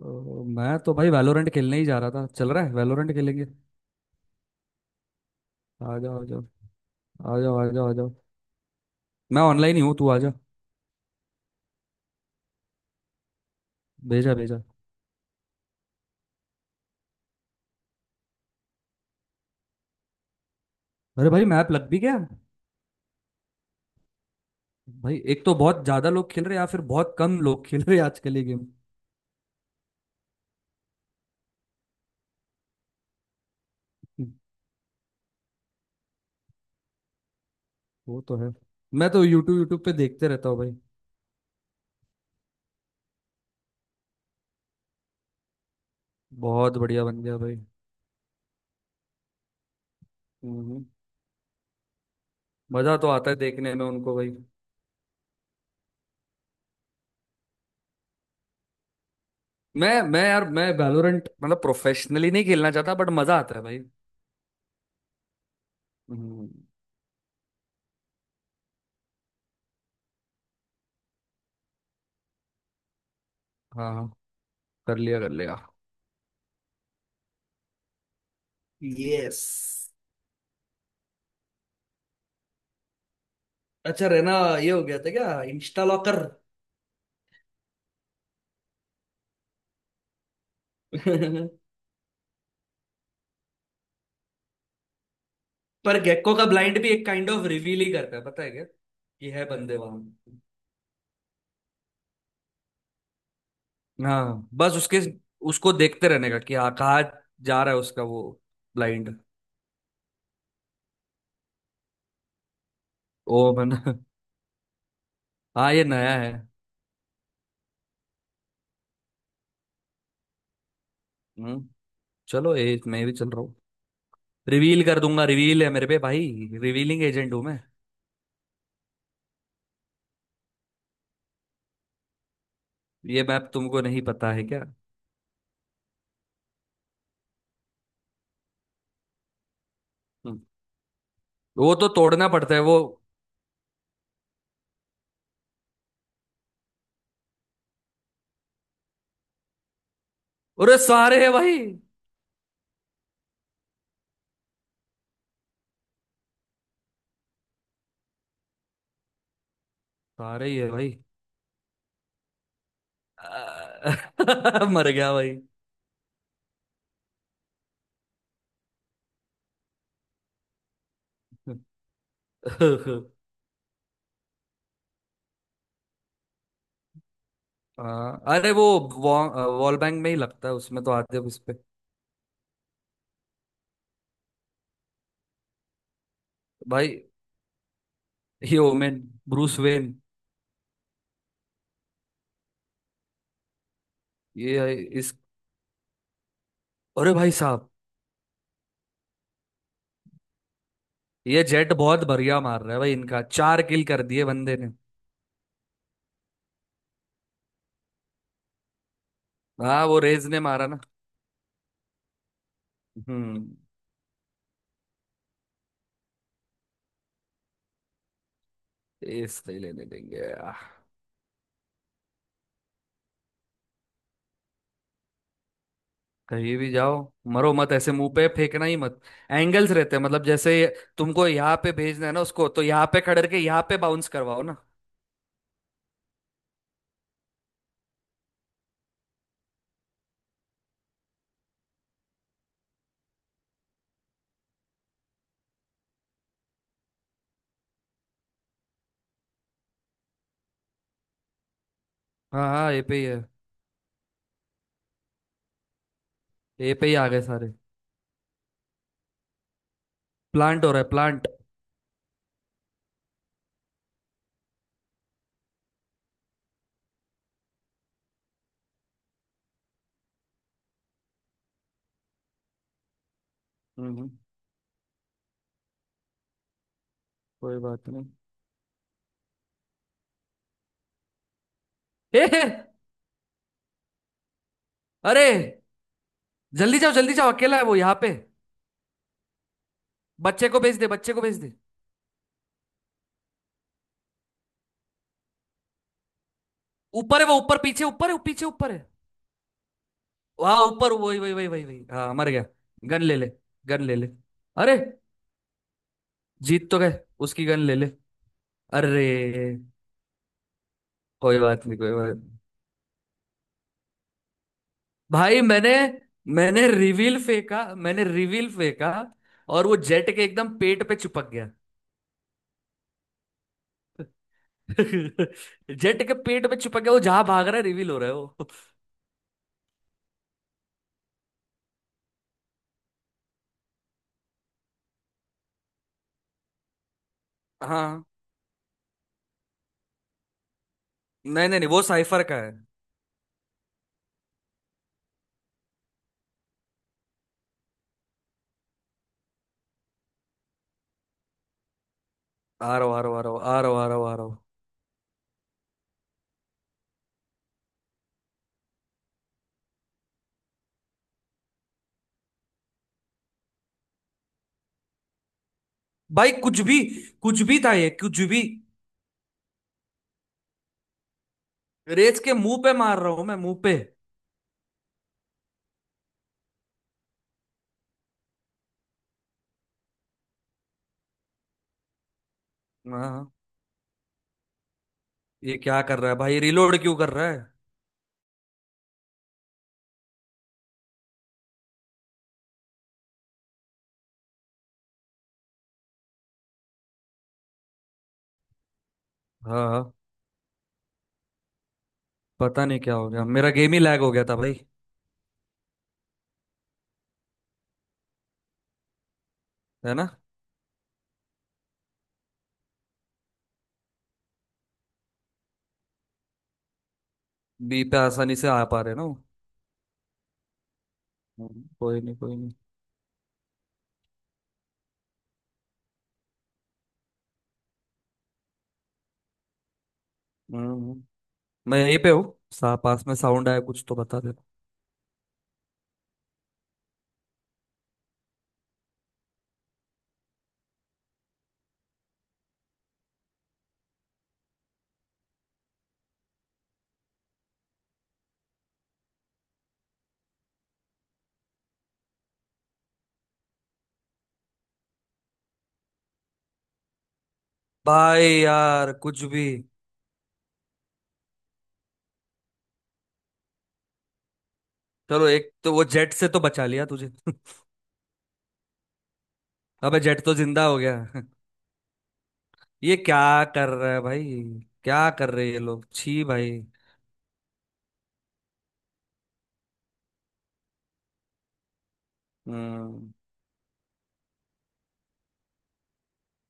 ओ, मैं तो भाई वैलोरेंट खेलने ही जा रहा था। चल रहा है, वैलोरेंट खेलेंगे। आ जाओ, आ जाओ, आ जाओ, आ जाओ, आ जाओ। मैं ऑनलाइन ही हूँ, तू आ जा। भेजा भेजा। अरे भाई, मैप लग भी गया। भाई, एक तो बहुत ज्यादा लोग खेल रहे हैं या फिर बहुत कम लोग खेल रहे हैं आजकल ये गेम। वो तो है। मैं तो यूट्यूब यूट्यूब पे देखते रहता हूँ भाई। बहुत बढ़िया बन गया भाई। हम्म, मजा तो आता है देखने में उनको भाई। मैं यार, मैं वैलोरेंट मतलब प्रोफेशनली नहीं खेलना चाहता, बट मजा आता है भाई। हम्म, हाँ हाँ। कर लिया, कर लिया। यस। अच्छा रहना। ये हो गया था क्या इंस्टा लॉकर। पर गेको का ब्लाइंड भी एक काइंड ऑफ रिवील ही करता है, पता है क्या कि है बंदे वहां। हाँ, बस उसके, उसको देखते रहने का कि हाँ, कहाँ जा रहा है उसका वो ब्लाइंड। ओ मन। हाँ, ये नया है। हम्म चलो, ये मैं भी चल रहा हूँ। रिवील कर दूंगा, रिवील है मेरे पे भाई। रिवीलिंग एजेंट हूँ मैं। ये मैप तुमको नहीं पता है क्या। हम्म, वो तो तोड़ना पड़ता है वो। अरे सारे है भाई। सारे ही है भाई। आ, मर गया भाई अरे वो वॉल बैंग में ही लगता है, उसमें तो आते हैं उस पे। भाई ही ओमेन। Bruce Wayne. ये, इस, अरे भाई साहब। ये जेट बहुत बढ़िया मार रहा है भाई, इनका 4 किल कर दिए बंदे ने। हाँ, वो रेज ने मारा ना। हम्म इस नहीं लेने देंगे। कहीं भी जाओ। मरो मत, ऐसे मुंह पे फेंकना ही मत। एंगल्स रहते हैं, मतलब जैसे तुमको यहाँ पे भेजना है ना उसको, तो यहाँ पे खड़े के यहाँ पे बाउंस करवाओ ना। हाँ हाँ, ये पे ही है। ए पे ही आ गए सारे। प्लांट हो रहा है, प्लांट। हम्म कोई बात नहीं। ए हे! अरे, जल्दी जाओ, जल्दी जाओ, अकेला है वो यहाँ पे। बच्चे को भेज दे, बच्चे को भेज दे। ऊपर है वो, ऊपर पीछे, ऊपर है पीछे, ऊपर है। वहां ऊपर, वही वही वही वही वही। हाँ, मर गया। गन ले ले, गन ले ले। अरे, जीत तो गए। उसकी गन ले ले। अरे, कोई बात नहीं, कोई बात नहीं। भाई, मैंने मैंने रिवील फेंका, मैंने रिवील फेंका। और वो जेट के एकदम पेट पे चिपक गया। जेट के पेट में चिपक गया वो, जहां भाग रहा है रिवील हो रहा है वो। हाँ, नहीं नहीं नहीं, वो साइफर का है। आ रहा हूँ, आ रहा हूँ, आ रहा हूँ, आ रहा हूँ, आ रहा हूँ, आ रहा हूँ। भाई कुछ भी, कुछ भी था ये, कुछ भी। रेस के मुंह पे मार रहा हूँ मैं, मुंह पे। हाँ, ये क्या कर रहा है भाई, रिलोड क्यों कर रहा है। हाँ हाँ, पता नहीं क्या हो गया, मेरा गेम ही लैग हो गया था भाई। है ना। बी पे आसानी से आ पा रहे ना वो। कोई नहीं, कोई नहीं। हम्म, हम्म। मैं यहीं पे हूँ, सा पास में साउंड आया कुछ तो बता दे। भाई यार कुछ भी। चलो, एक तो वो जेट से तो बचा लिया तुझे। अबे, जेट तो जिंदा हो गया। ये क्या कर रहा है भाई, क्या कर रहे हैं ये लोग, छी भाई। हम्म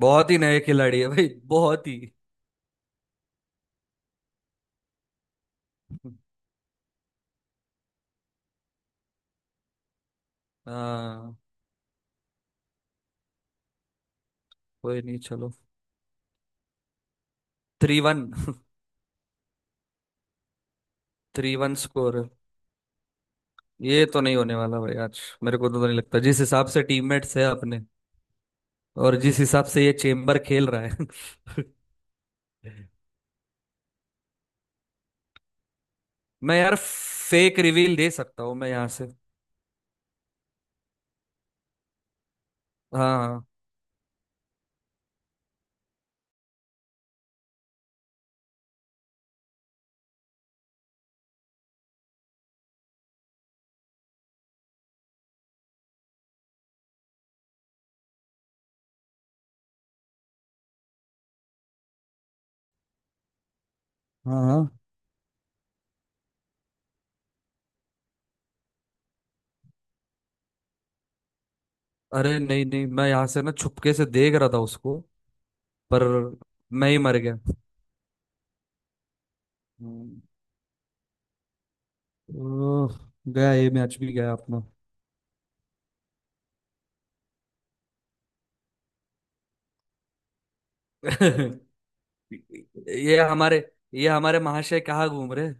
बहुत ही नए खिलाड़ी है भाई। बहुत ही। हाँ, कोई नहीं, चलो। 3-1। 3-1 स्कोर। ये तो नहीं होने वाला भाई, आज मेरे को तो नहीं लगता, जिस हिसाब से टीममेट्स है अपने और जिस हिसाब से ये चेम्बर खेल रहा है। मैं यार फेक रिवील दे सकता हूँ मैं यहाँ से। हाँ हाँ हाँ। अरे नहीं नहीं, मैं यहाँ से ना छुपके से देख रहा था उसको। पर मैं ही मर गया। हम्म, ओह, गया ये मैच भी, गया अपना। ये हमारे ये हमारे महाशय कहाँ घूम रहे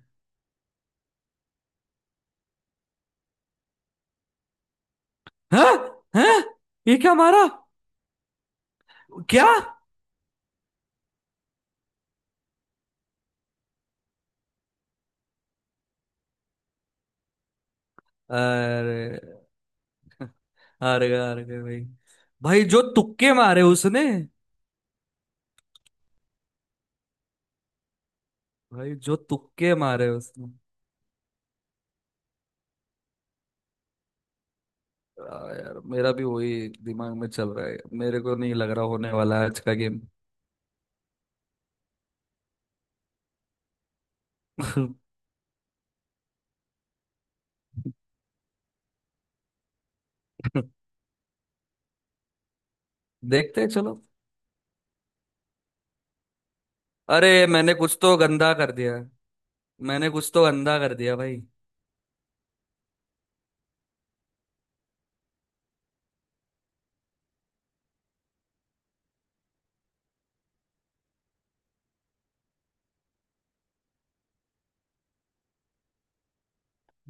हैं। हैं, ये क्या मारा, क्या। अरे, हार गए, हार गए भाई। भाई जो तुक्के मारे उसने, भाई जो तुक्के मारे उसने। आ, यार मेरा भी वही दिमाग में चल रहा है, मेरे को नहीं लग रहा होने वाला है आज का गेम। देखते हैं, चलो। अरे मैंने कुछ तो गंदा कर दिया, मैंने कुछ तो गंदा कर दिया भाई।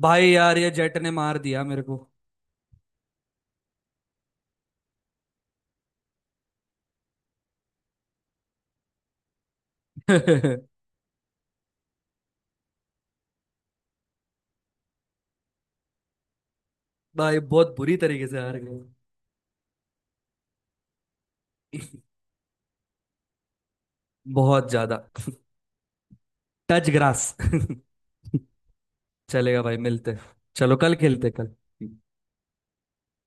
भाई यार, ये जेट ने मार दिया मेरे को। भाई बहुत बुरी तरीके से हार गए। बहुत ज्यादा। Touch grass. चलेगा भाई, मिलते हैं। चलो कल खेलते हैं, कल